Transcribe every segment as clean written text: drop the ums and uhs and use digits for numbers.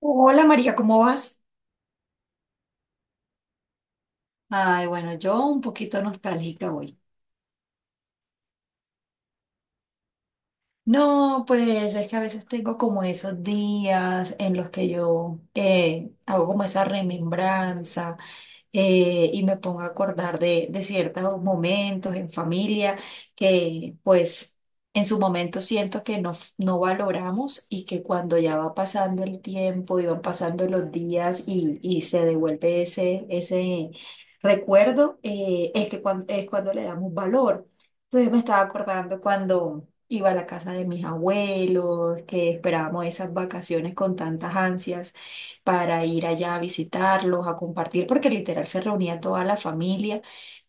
Hola María, ¿cómo vas? Ay, bueno, yo un poquito nostálgica hoy. No, pues es que a veces tengo como esos días en los que yo hago como esa remembranza y me pongo a acordar de ciertos momentos en familia que pues en su momento siento que no, no valoramos y que cuando ya va pasando el tiempo y van pasando los días y se devuelve ese recuerdo, es que es cuando le damos valor. Entonces me estaba acordando cuando iba a la casa de mis abuelos, que esperábamos esas vacaciones con tantas ansias para ir allá a visitarlos, a compartir, porque literal se reunía toda la familia.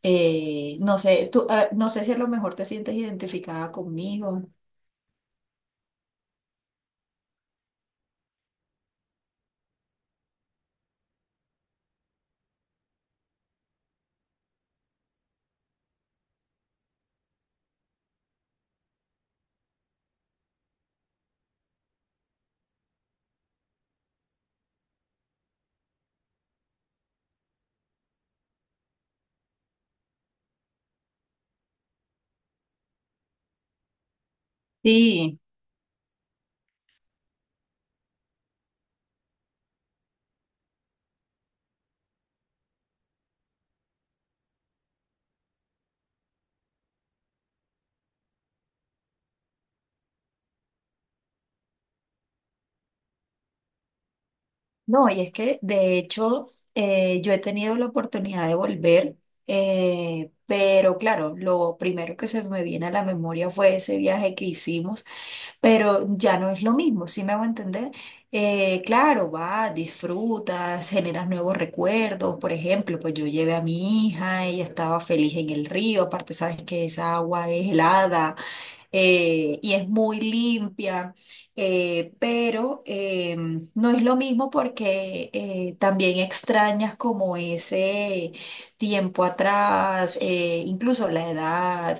No sé, tú, ah, no sé si a lo mejor te sientes identificada conmigo. Sí. No, y es que de hecho yo he tenido la oportunidad de volver, pero claro, lo primero que se me viene a la memoria fue ese viaje que hicimos. Pero ya no es lo mismo, ¿sí me hago entender? Claro, va, disfrutas, generas nuevos recuerdos. Por ejemplo, pues yo llevé a mi hija, ella estaba feliz en el río, aparte sabes que esa agua es helada, y es muy limpia, eh, pero eh, no es lo mismo porque también extrañas como ese tiempo atrás, incluso la edad.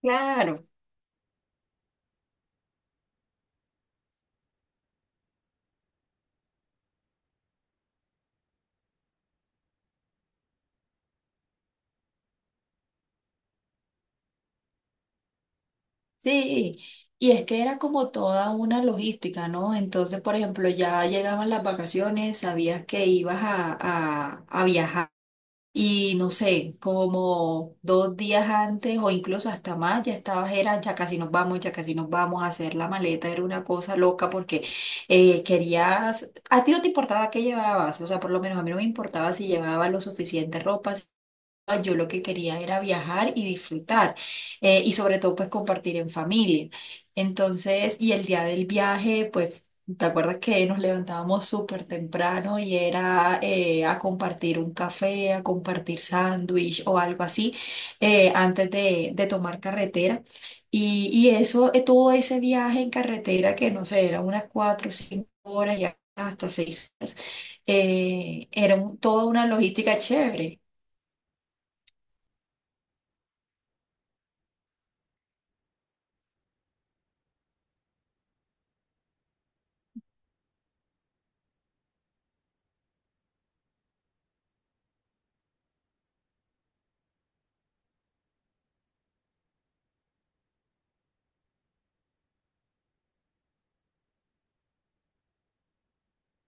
Claro. Sí, y es que era como toda una logística, ¿no? Entonces, por ejemplo, ya llegaban las vacaciones, sabías que ibas a viajar y no sé, como dos días antes o incluso hasta más, ya estabas, era ya casi nos vamos, ya casi nos vamos a hacer la maleta, era una cosa loca porque querías, a ti no te importaba qué llevabas, o sea, por lo menos a mí no me importaba si llevaba lo suficiente ropa. Ah, yo lo que quería era viajar y disfrutar, y sobre todo pues compartir en familia. Entonces, y el día del viaje, pues, ¿te acuerdas que nos levantábamos súper temprano y era a compartir un café, a compartir sándwich o algo así antes de tomar carretera? Y eso, todo ese viaje en carretera que no sé, eran unas cuatro o cinco horas y hasta seis horas. Era toda una logística chévere.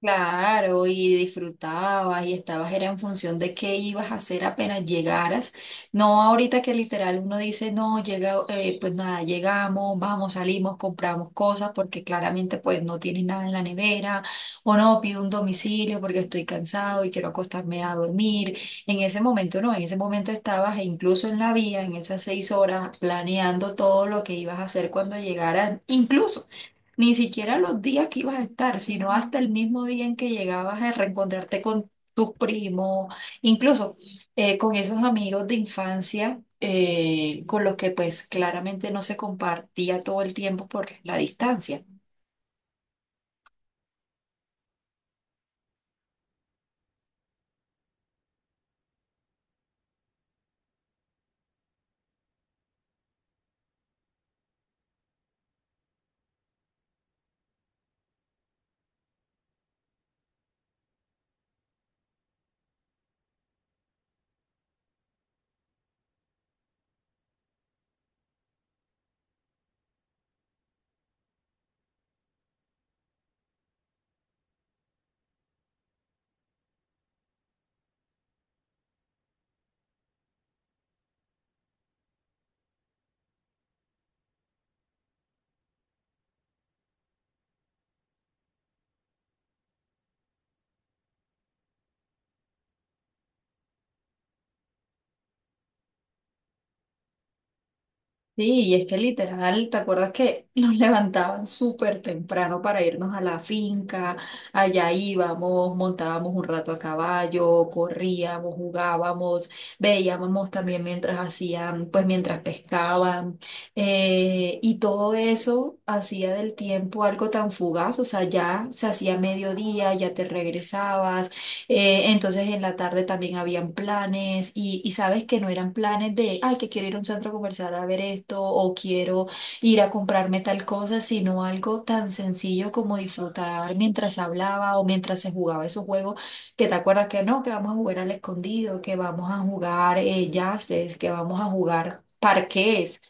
Claro, y disfrutabas y estabas, era en función de qué ibas a hacer apenas llegaras. No ahorita que literal uno dice, no, llega, pues nada, llegamos, vamos, salimos, compramos cosas porque claramente pues no tienes nada en la nevera o no, pido un domicilio porque estoy cansado y quiero acostarme a dormir. En ese momento no, en ese momento estabas e incluso en la vía, en esas seis horas, planeando todo lo que ibas a hacer cuando llegaras, incluso. Ni siquiera los días que ibas a estar, sino hasta el mismo día en que llegabas a reencontrarte con tus primos, incluso con esos amigos de infancia, con los que pues claramente no se compartía todo el tiempo por la distancia. Sí, y es que literal, ¿te acuerdas que nos levantaban súper temprano para irnos a la finca? Allá íbamos, montábamos un rato a caballo, corríamos, jugábamos, veíamos también mientras hacían, pues mientras pescaban, y todo eso hacía del tiempo algo tan fugaz, o sea, ya se hacía mediodía, ya te regresabas. Entonces en la tarde también habían planes y sabes que no eran planes de, ay, que quiero ir a un centro comercial a ver esto o quiero ir a comprarme tal cosa, sino algo tan sencillo como disfrutar mientras hablaba o mientras se jugaba esos juegos, que te acuerdas que no, que vamos a jugar al escondido, que vamos a jugar yaces, que vamos a jugar parques.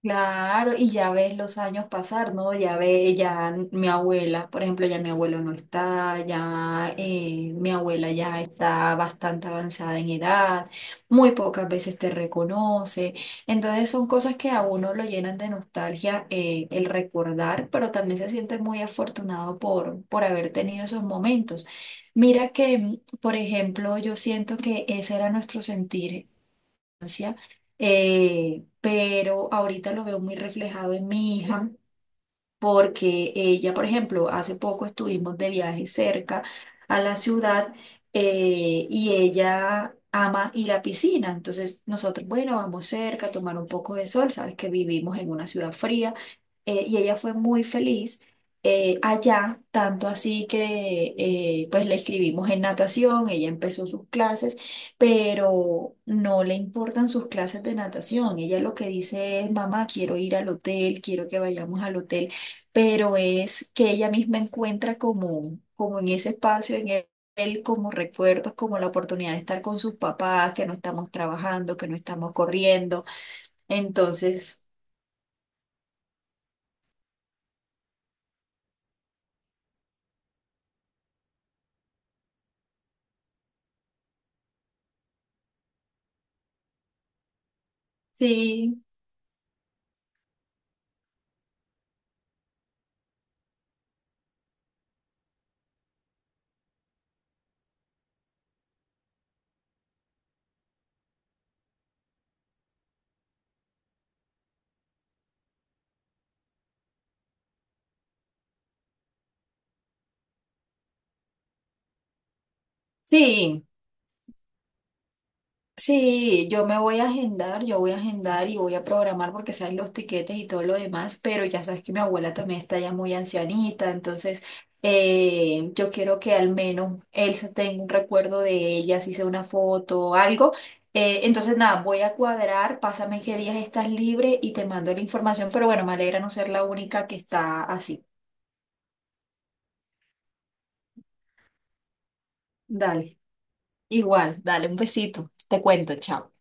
Claro, y ya ves los años pasar, ¿no? Ya ve, ya mi abuela, por ejemplo, ya mi abuelo no está, ya mi abuela ya está bastante avanzada en edad, muy pocas veces te reconoce. Entonces son cosas que a uno lo llenan de nostalgia, el recordar, pero también se siente muy afortunado por haber tenido esos momentos. Mira que, mm, por ejemplo, yo siento que ese era nuestro sentir, pero ahorita lo veo muy reflejado en mi hija, porque ella, por ejemplo, hace poco estuvimos de viaje cerca a la ciudad, y ella ama ir a piscina. Entonces nosotros, bueno, vamos cerca a tomar un poco de sol, sabes que vivimos en una ciudad fría, y ella fue muy feliz allá, tanto así que pues la escribimos en natación, ella empezó sus clases, pero no le importan sus clases de natación. Ella lo que dice es, mamá, quiero ir al hotel, quiero que vayamos al hotel, pero es que ella misma encuentra como, como en ese espacio, en él, él como recuerdos, como la oportunidad de estar con sus papás, que no estamos trabajando, que no estamos corriendo. Entonces, sí, sí. Sí, yo me voy a agendar, yo voy a agendar y voy a programar porque saben los tiquetes y todo lo demás, pero ya sabes que mi abuela también está ya muy ancianita, entonces yo quiero que al menos él se tenga un recuerdo de ella, si sea una foto o algo. Entonces nada, voy a cuadrar, pásame qué días estás libre y te mando la información, pero bueno, me alegra no ser la única que está así. Dale, igual, dale un besito, te cuento, chao.